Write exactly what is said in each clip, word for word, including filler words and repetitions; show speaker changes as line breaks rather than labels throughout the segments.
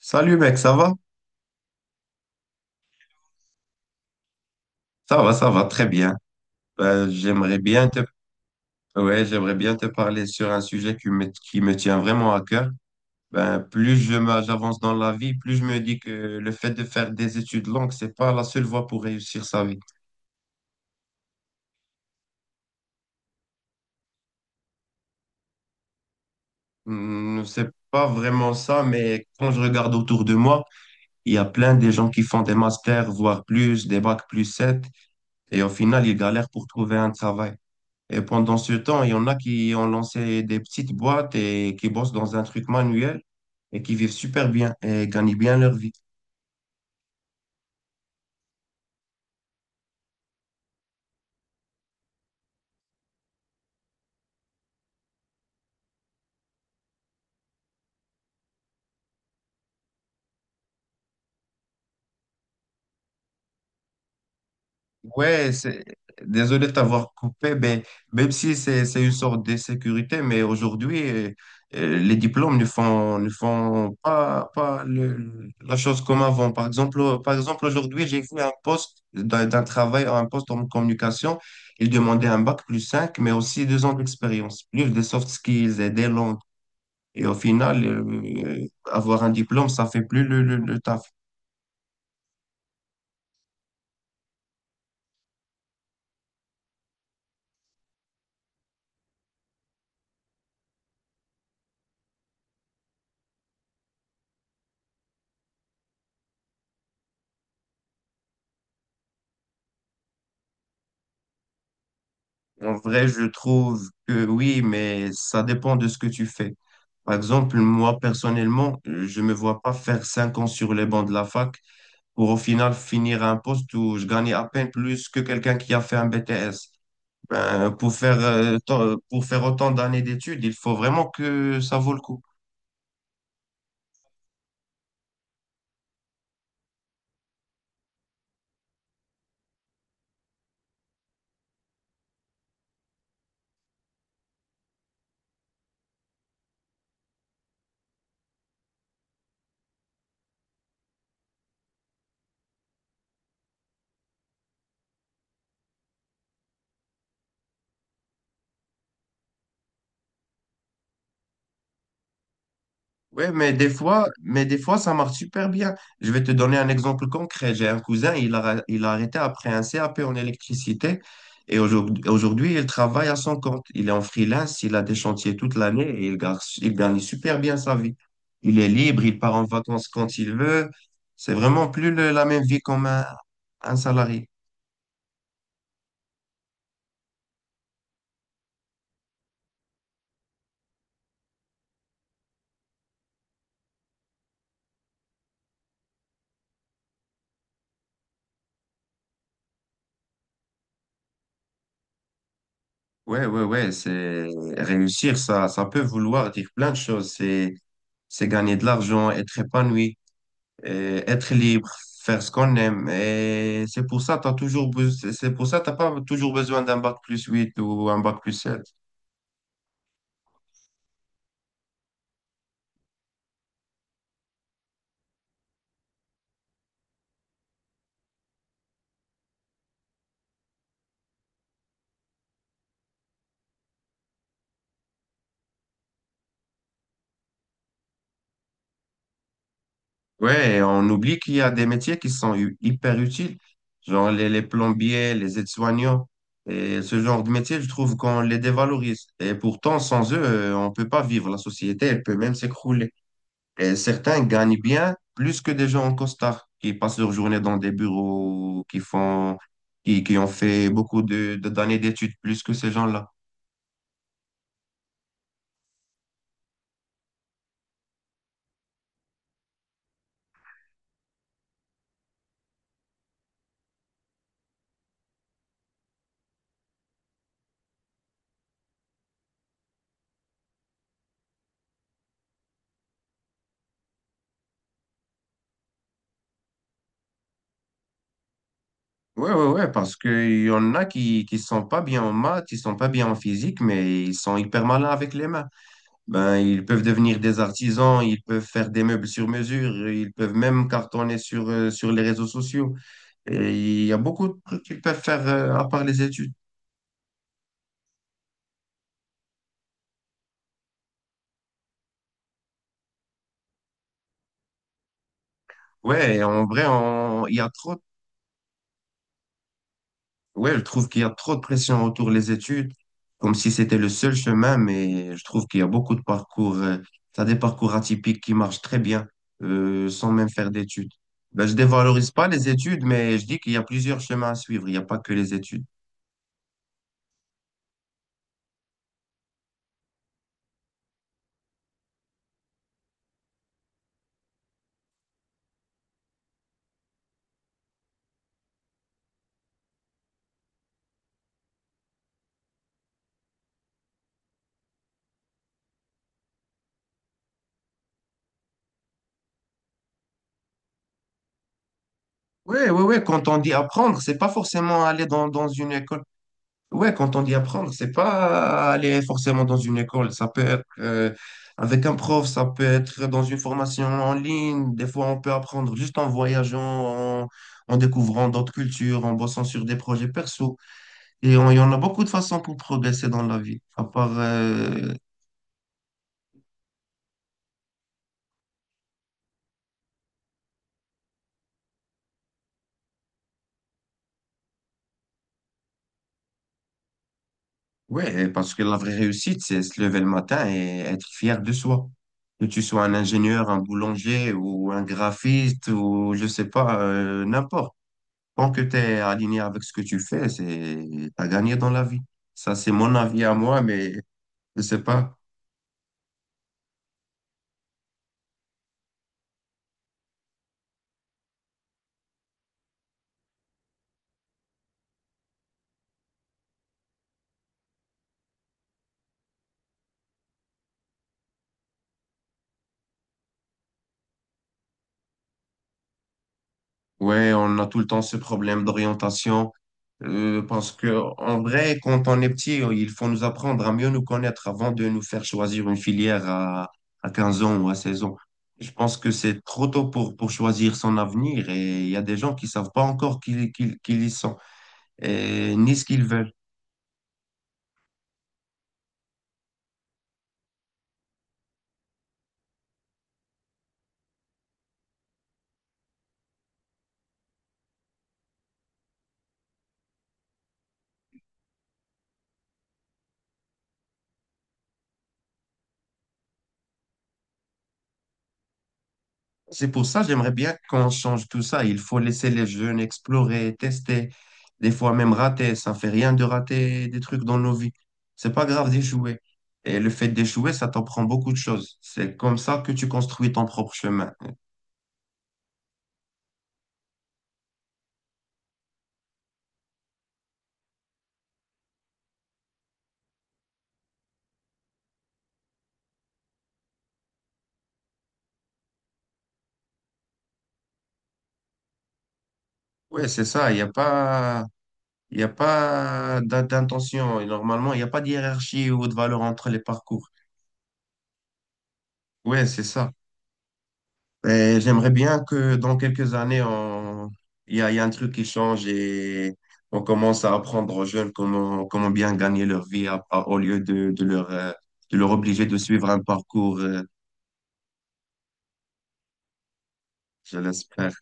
Salut mec, ça va? Ça va, ça va très bien. Euh, j'aimerais bien te, ouais, j'aimerais bien te parler sur un sujet qui me, qui me tient vraiment à cœur. Ben, plus je me- j'avance dans la vie, plus je me dis que le fait de faire des études longues, c'est pas la seule voie pour réussir sa vie. Hmm, c'est pas vraiment ça, mais quand je regarde autour de moi, il y a plein de gens qui font des masters, voire plus, des bacs plus sept, et au final, ils galèrent pour trouver un travail. Et pendant ce temps, il y en a qui ont lancé des petites boîtes et qui bossent dans un truc manuel et qui vivent super bien et gagnent bien leur vie. Ouais, c'est... désolé de t'avoir coupé, mais même si c'est c'est une sorte de sécurité, mais aujourd'hui, euh, euh, les diplômes ne font, ne font pas, pas le- la chose comme avant. Par exemple, euh, par exemple aujourd'hui, j'ai fait un poste d'un d'un travail, un poste en communication. Il demandait un bac plus cinq, mais aussi deux ans d'expérience, plus des soft skills et des langues. Et au final, euh, euh, avoir un diplôme, ça fait plus le, le, le taf. En vrai, je trouve que oui, mais ça dépend de ce que tu fais. Par exemple, moi, personnellement, euh, je me vois pas faire cinq ans sur les bancs de la fac pour au final finir à un poste où je gagnais à peine plus que quelqu'un qui a fait un B T S. Ben, pour faire, euh, tant- pour faire autant d'années d'études, il faut vraiment que ça vaut le coup. Ouais, mais des fois, mais des fois, ça marche super bien. Je vais te donner un exemple concret. J'ai un cousin, il a, il a arrêté après un C A P en électricité et aujourd'hui, aujourd'hui, il travaille à son compte. Il est en freelance, il a des chantiers toute l'année et il, gar- il gagne super bien sa vie. Il est libre, il part en vacances quand il veut. C'est vraiment plus le- la même vie comme un, un salarié. Ouais, ouais, ouais, c'est réussir, ça, ça peut vouloir dire plein de choses. C'est, c'est gagner de l'argent, être épanoui, euh, être libre, faire ce qu'on aime. Et c'est pour ça, t'as toujours, be- c'est pour ça, t'as pas toujours besoin d'un bac plus huit ou un bac plus sept. Ouais, et on oublie qu'il y a des métiers qui sont hu- hyper utiles, genre les, les plombiers, les aides-soignants. Et ce genre de métier, je trouve qu'on les dévalorise. Et pourtant, sans eux, euh, on peut pas vivre. La société, elle peut même s'écrouler. Et certains gagnent bien plus que des gens en costard qui passent leur journée dans des bureaux, qui font, qui, qui ont fait beaucoup de, de- d'années d'études plus que ces gens-là. Ouais, ouais, ouais, parce qu'il y en a qui, qui sont pas bien en maths, ils sont pas bien en physique, mais ils sont hyper malins avec les mains. Ben, ils peuvent devenir des artisans, ils peuvent faire des meubles sur mesure, ils peuvent même cartonner sur, euh, sur les réseaux sociaux. Et il y a beaucoup de trucs qu'ils peuvent faire euh, à part les études. Ouais, en vrai, on- il y a trop ouais, je trouve qu'il y a trop de pression autour des études, comme si c'était le seul chemin, mais je trouve qu'il y a beaucoup de parcours, euh, t'as des parcours atypiques qui marchent très bien, euh, sans même faire d'études. Ben, je dévalorise pas les études, mais je dis qu'il y a plusieurs chemins à suivre, il n'y a pas que les études. Oui, oui, oui. Quand on dit apprendre, c'est pas forcément aller dans, dans une école. Ouais, quand on dit apprendre, c'est pas aller forcément dans une école. Ça peut être euh, avec un prof, ça peut être dans une formation en ligne. Des fois, on peut apprendre juste en voyageant, en, en découvrant d'autres cultures, en bossant sur des projets perso. Et on- il y en a beaucoup de façons pour progresser dans la vie. À part, euh, ouais, parce que la vraie réussite, c'est se lever le matin et être fier de soi. Que tu sois un ingénieur, un boulanger ou un graphiste ou je sais pas, euh, n'importe. Tant que tu es aligné avec ce que tu fais, c'est t'as gagné dans la vie. Ça, c'est mon avis à moi, mais je sais pas. Ouais, on a tout le temps ce problème d'orientation, euh, parce que, en vrai, quand on est petit, il faut nous apprendre à mieux nous connaître avant de nous faire choisir une filière à, à quinze ans ou à seize ans. Je pense que c'est trop tôt pour, pour choisir son avenir et il y a des gens qui savent pas encore qui, qui, qui ils sont et ni ce qu'ils veulent. C'est pour ça j'aimerais bien qu'on change tout ça. Il faut laisser les jeunes explorer, tester, des fois même rater. Ça fait rien de rater des trucs dans nos vies. C'est pas grave d'échouer. Et le fait d'échouer, ça t'apprend beaucoup de choses. C'est comme ça que tu construis ton propre chemin. Oui, c'est ça. Il n'y a pas, il y a pas d'in- d'intention. Et normalement, il n'y a pas de hiérarchie ou de valeur entre les parcours. Oui, c'est ça. Et j'aimerais bien que dans quelques années, on- il y a, il y a un truc qui change et on commence à apprendre aux jeunes comment, comment bien gagner leur vie à- à- au lieu de, de leur, euh, de leur obliger de suivre un parcours, euh, je l'espère.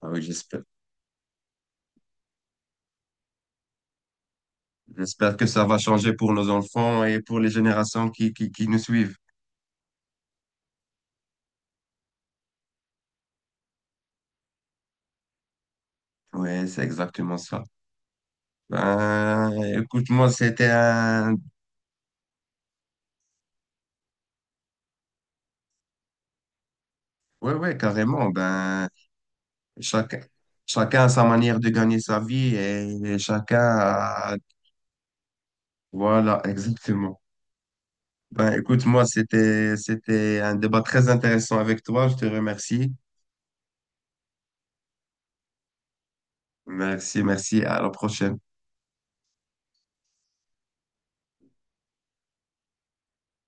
Ah oui, j'espère. J'espère que ça va changer pour nos enfants et pour les générations qui, qui, qui nous suivent. Oui, c'est exactement ça. Ben, écoute-moi, c'était un... Oui, oui, carrément. Ben, chacun, chacun a sa manière de gagner sa vie et chacun a... Voilà, exactement. Ben, écoute, moi, c'était, c'était un débat très intéressant avec toi. Je te remercie. Merci, merci. À la prochaine.